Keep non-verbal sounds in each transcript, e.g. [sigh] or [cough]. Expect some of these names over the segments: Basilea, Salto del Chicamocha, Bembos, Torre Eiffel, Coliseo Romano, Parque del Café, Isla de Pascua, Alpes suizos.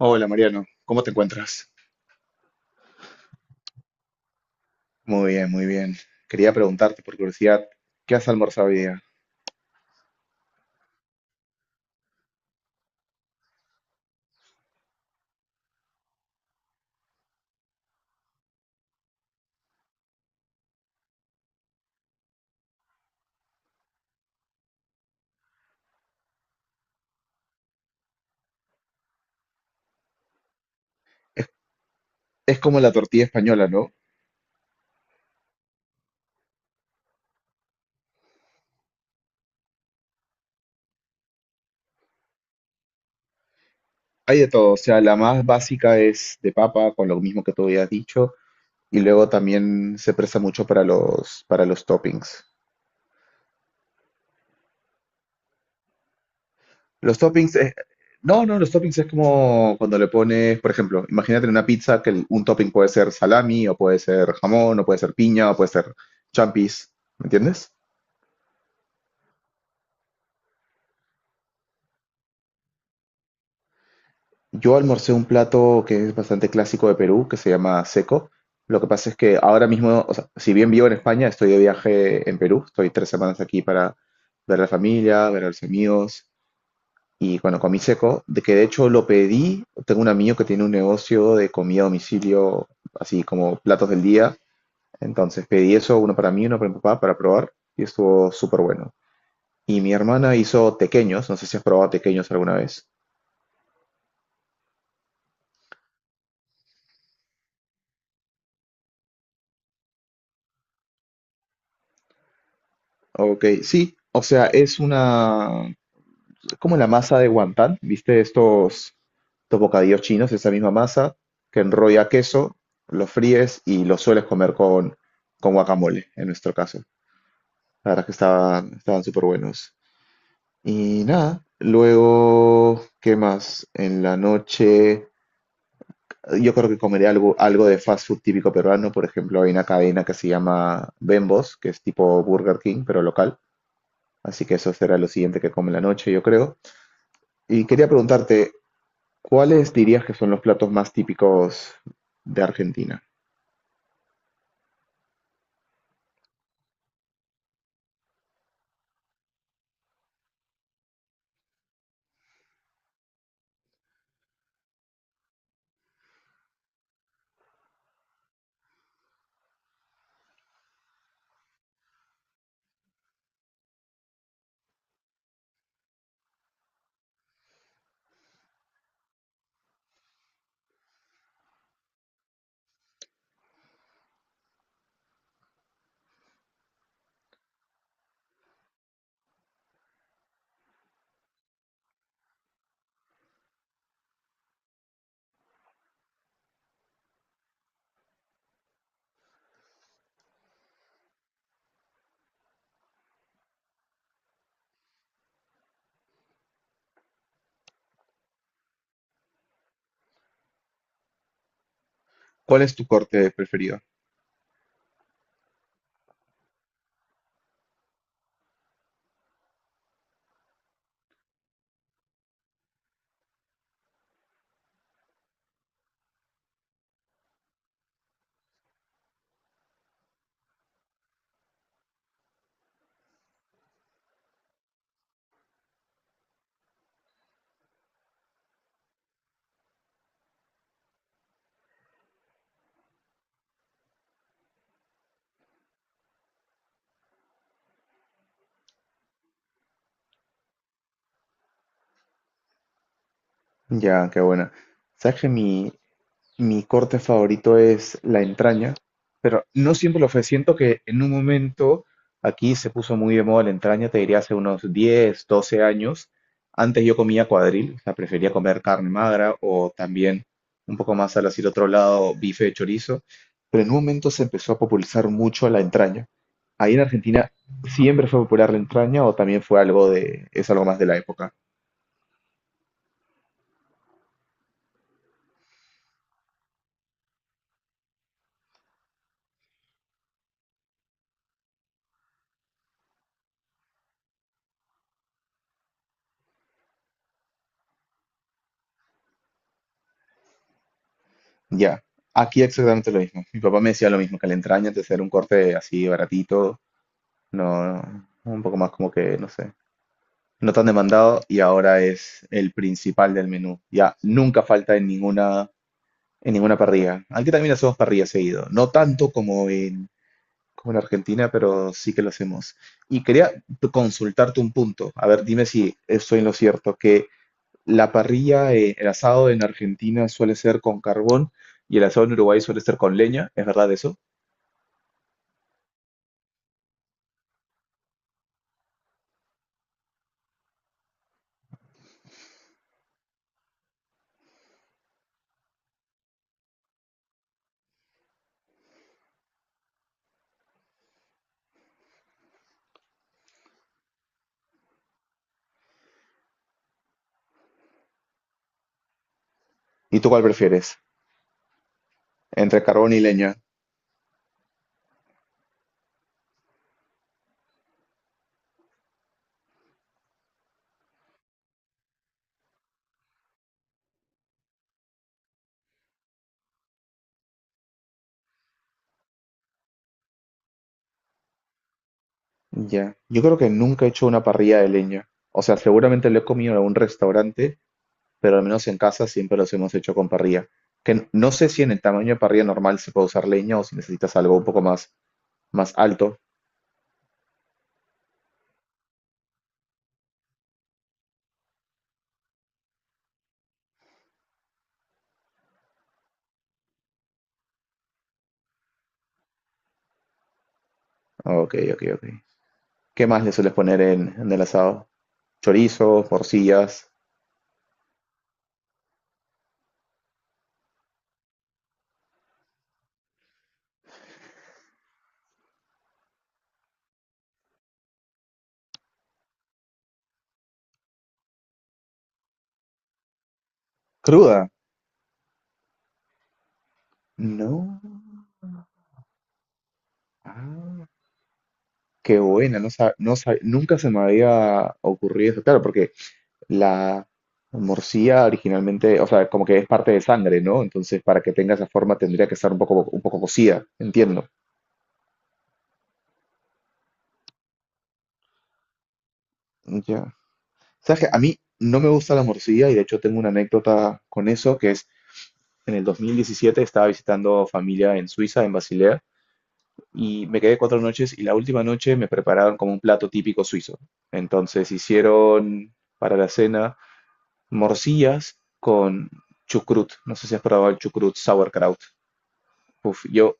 Hola Mariano, ¿cómo te encuentras? Muy bien, muy bien. Quería preguntarte por curiosidad, ¿qué has almorzado hoy día? Es como la tortilla española, ¿no? Hay de todo, o sea, la más básica es de papa, con lo mismo que tú habías dicho, y luego también se presta mucho para los toppings. Los toppings, es- no, no, los toppings es como cuando le pones, por ejemplo, imagínate en una pizza que un topping puede ser salami, o puede ser jamón, o puede ser piña, o puede ser champis, ¿me entiendes? Yo almorcé un plato que es bastante clásico de Perú, que se llama seco. Lo que pasa es que ahora mismo, o sea, si bien vivo en España, estoy de viaje en Perú. Estoy 3 semanas aquí para ver a la familia, ver a los amigos. Y bueno, comí seco, de que de hecho lo pedí. Tengo un amigo que tiene un negocio de comida a domicilio, así como platos del día. Entonces pedí eso, uno para mí, uno para mi papá, para probar. Y estuvo súper bueno. Y mi hermana hizo tequeños. No sé si has probado tequeños alguna vez. Ok, sí. O sea, es una como la masa de wonton, ¿viste? Estos bocadillos chinos, esa misma masa que enrolla queso, lo fríes y lo sueles comer con guacamole, en nuestro caso. La verdad es que estaban súper buenos. Y nada, luego, ¿qué más? En la noche, yo creo que comeré algo de fast food típico peruano. Por ejemplo, hay una cadena que se llama Bembos, que es tipo Burger King, pero local. Así que eso será lo siguiente que come en la noche, yo creo. Y quería preguntarte, ¿cuáles dirías que son los platos más típicos de Argentina? ¿Cuál es tu corte preferido? Ya, qué buena. ¿Sabes que mi, Mi corte favorito es la entraña, pero no siempre lo fue. Siento que en un momento aquí se puso muy de moda la entraña, te diría hace unos 10, 12 años. Antes yo comía cuadril, o sea, prefería comer carne magra o también un poco más al hacia el otro lado, bife de chorizo, pero en un momento se empezó a popularizar mucho la entraña. Ahí en Argentina siempre fue popular la entraña o también fue es algo más de la época. Ya, aquí exactamente lo mismo. Mi papá me decía lo mismo, que la entraña antes era un corte así baratito, no, un poco más como que, no sé, no tan demandado y ahora es el principal del menú. Ya, nunca falta en en ninguna parrilla. Aquí también hacemos parrilla seguido, no tanto como en Argentina, pero sí que lo hacemos. Y quería consultarte un punto, a ver, dime si estoy en lo cierto, que el asado en Argentina suele ser con carbón y el asado en Uruguay suele ser con leña, ¿es verdad eso? ¿Y tú cuál prefieres? Entre carbón y leña. Ya. Yo creo que nunca he hecho una parrilla de leña. O sea, seguramente lo he comido en algún restaurante, pero al menos en casa siempre los hemos hecho con parrilla. Que no sé si en el tamaño de parrilla normal se puede usar leña o si necesitas algo un poco más alto. Ok, ok, ok. ¿Qué más le sueles poner en el asado? Chorizo, porcillas. ¿Cruda? No. Ah, qué buena, nunca se me había ocurrido eso, claro, porque la morcilla originalmente, o sea, como que es parte de sangre, ¿no? Entonces, para que tenga esa forma tendría que estar un poco cocida, entiendo. Ya. ¿Sabes qué? A mí no me gusta la morcilla y de hecho tengo una anécdota con eso, que es en el 2017 estaba visitando familia en Suiza, en Basilea, y me quedé 4 noches y la última noche me prepararon como un plato típico suizo. Entonces hicieron para la cena morcillas con chucrut. No sé si has probado el chucrut sauerkraut. Uf, yo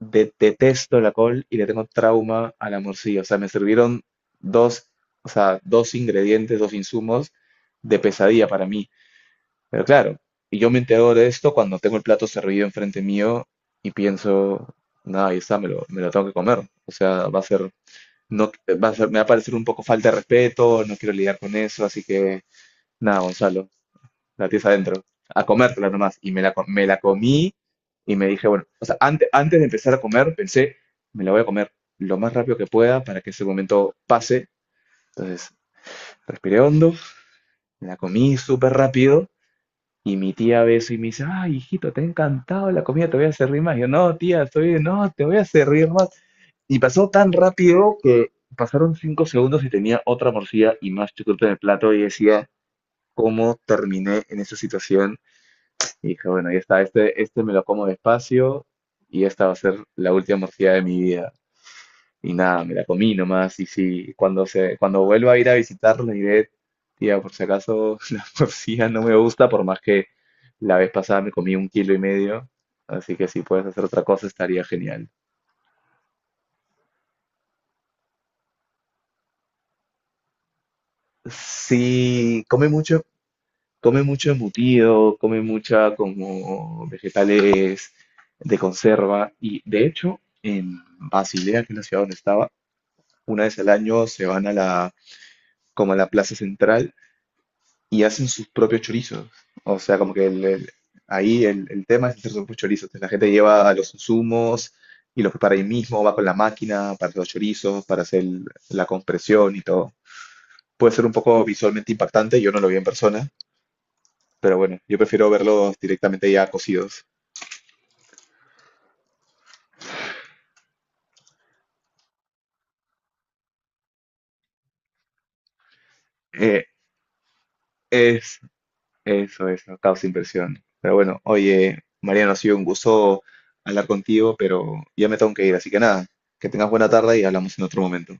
detesto la col y le tengo trauma a la morcilla. O sea, me sirvieron dos, o sea, dos ingredientes, dos insumos de pesadilla para mí. Pero claro, y yo me entero de esto cuando tengo el plato servido enfrente mío y pienso, nada, ahí está, me lo tengo que comer. O sea, va a ser, no, va a ser, me va a parecer un poco falta de respeto, no quiero lidiar con eso, así que nada, Gonzalo, la tienes adentro, a comértela nomás. Y me la comí y me dije, bueno, o sea, antes de empezar a comer, pensé, me la voy a comer lo más rápido que pueda para que ese momento pase. Entonces, respiré hondo, me la comí súper rápido y mi tía ve eso y me dice, ay, hijito, te ha encantado la comida, te voy a servir más. Yo, no, tía, estoy no, te voy a servir más. Y pasó tan rápido que pasaron 5 segundos y tenía otra morcilla y más chocolate en el plato y decía, ¿cómo terminé en esa situación? Y dije, bueno, ya está, este me lo como despacio y esta va a ser la última morcilla de mi vida. Y nada, me la comí nomás. Y si cuando vuelva a ir a visitarlo, le diré, tía, por si acaso [laughs] la morcilla no me gusta, por más que la vez pasada me comí un kilo y medio. Así que si puedes hacer otra cosa, estaría genial. Sí, come mucho embutido, come mucha como vegetales de conserva. Y de hecho, en Basilea, que es la ciudad donde estaba, una vez al año se van a la, como a la plaza central y hacen sus propios chorizos. O sea, como que el tema es hacer sus propios chorizos. Entonces, la gente lleva a los insumos y los prepara ahí mismo, va con la máquina para hacer los chorizos, para hacer la compresión y todo. Puede ser un poco visualmente impactante, yo no lo vi en persona, pero bueno, yo prefiero verlos directamente ya cocidos. Eh, es, Eso es, no causa inversión. Pero bueno, oye, Mariano, ha sido un gusto hablar contigo, pero ya me tengo que ir, así que nada, que tengas buena tarde y hablamos en otro momento.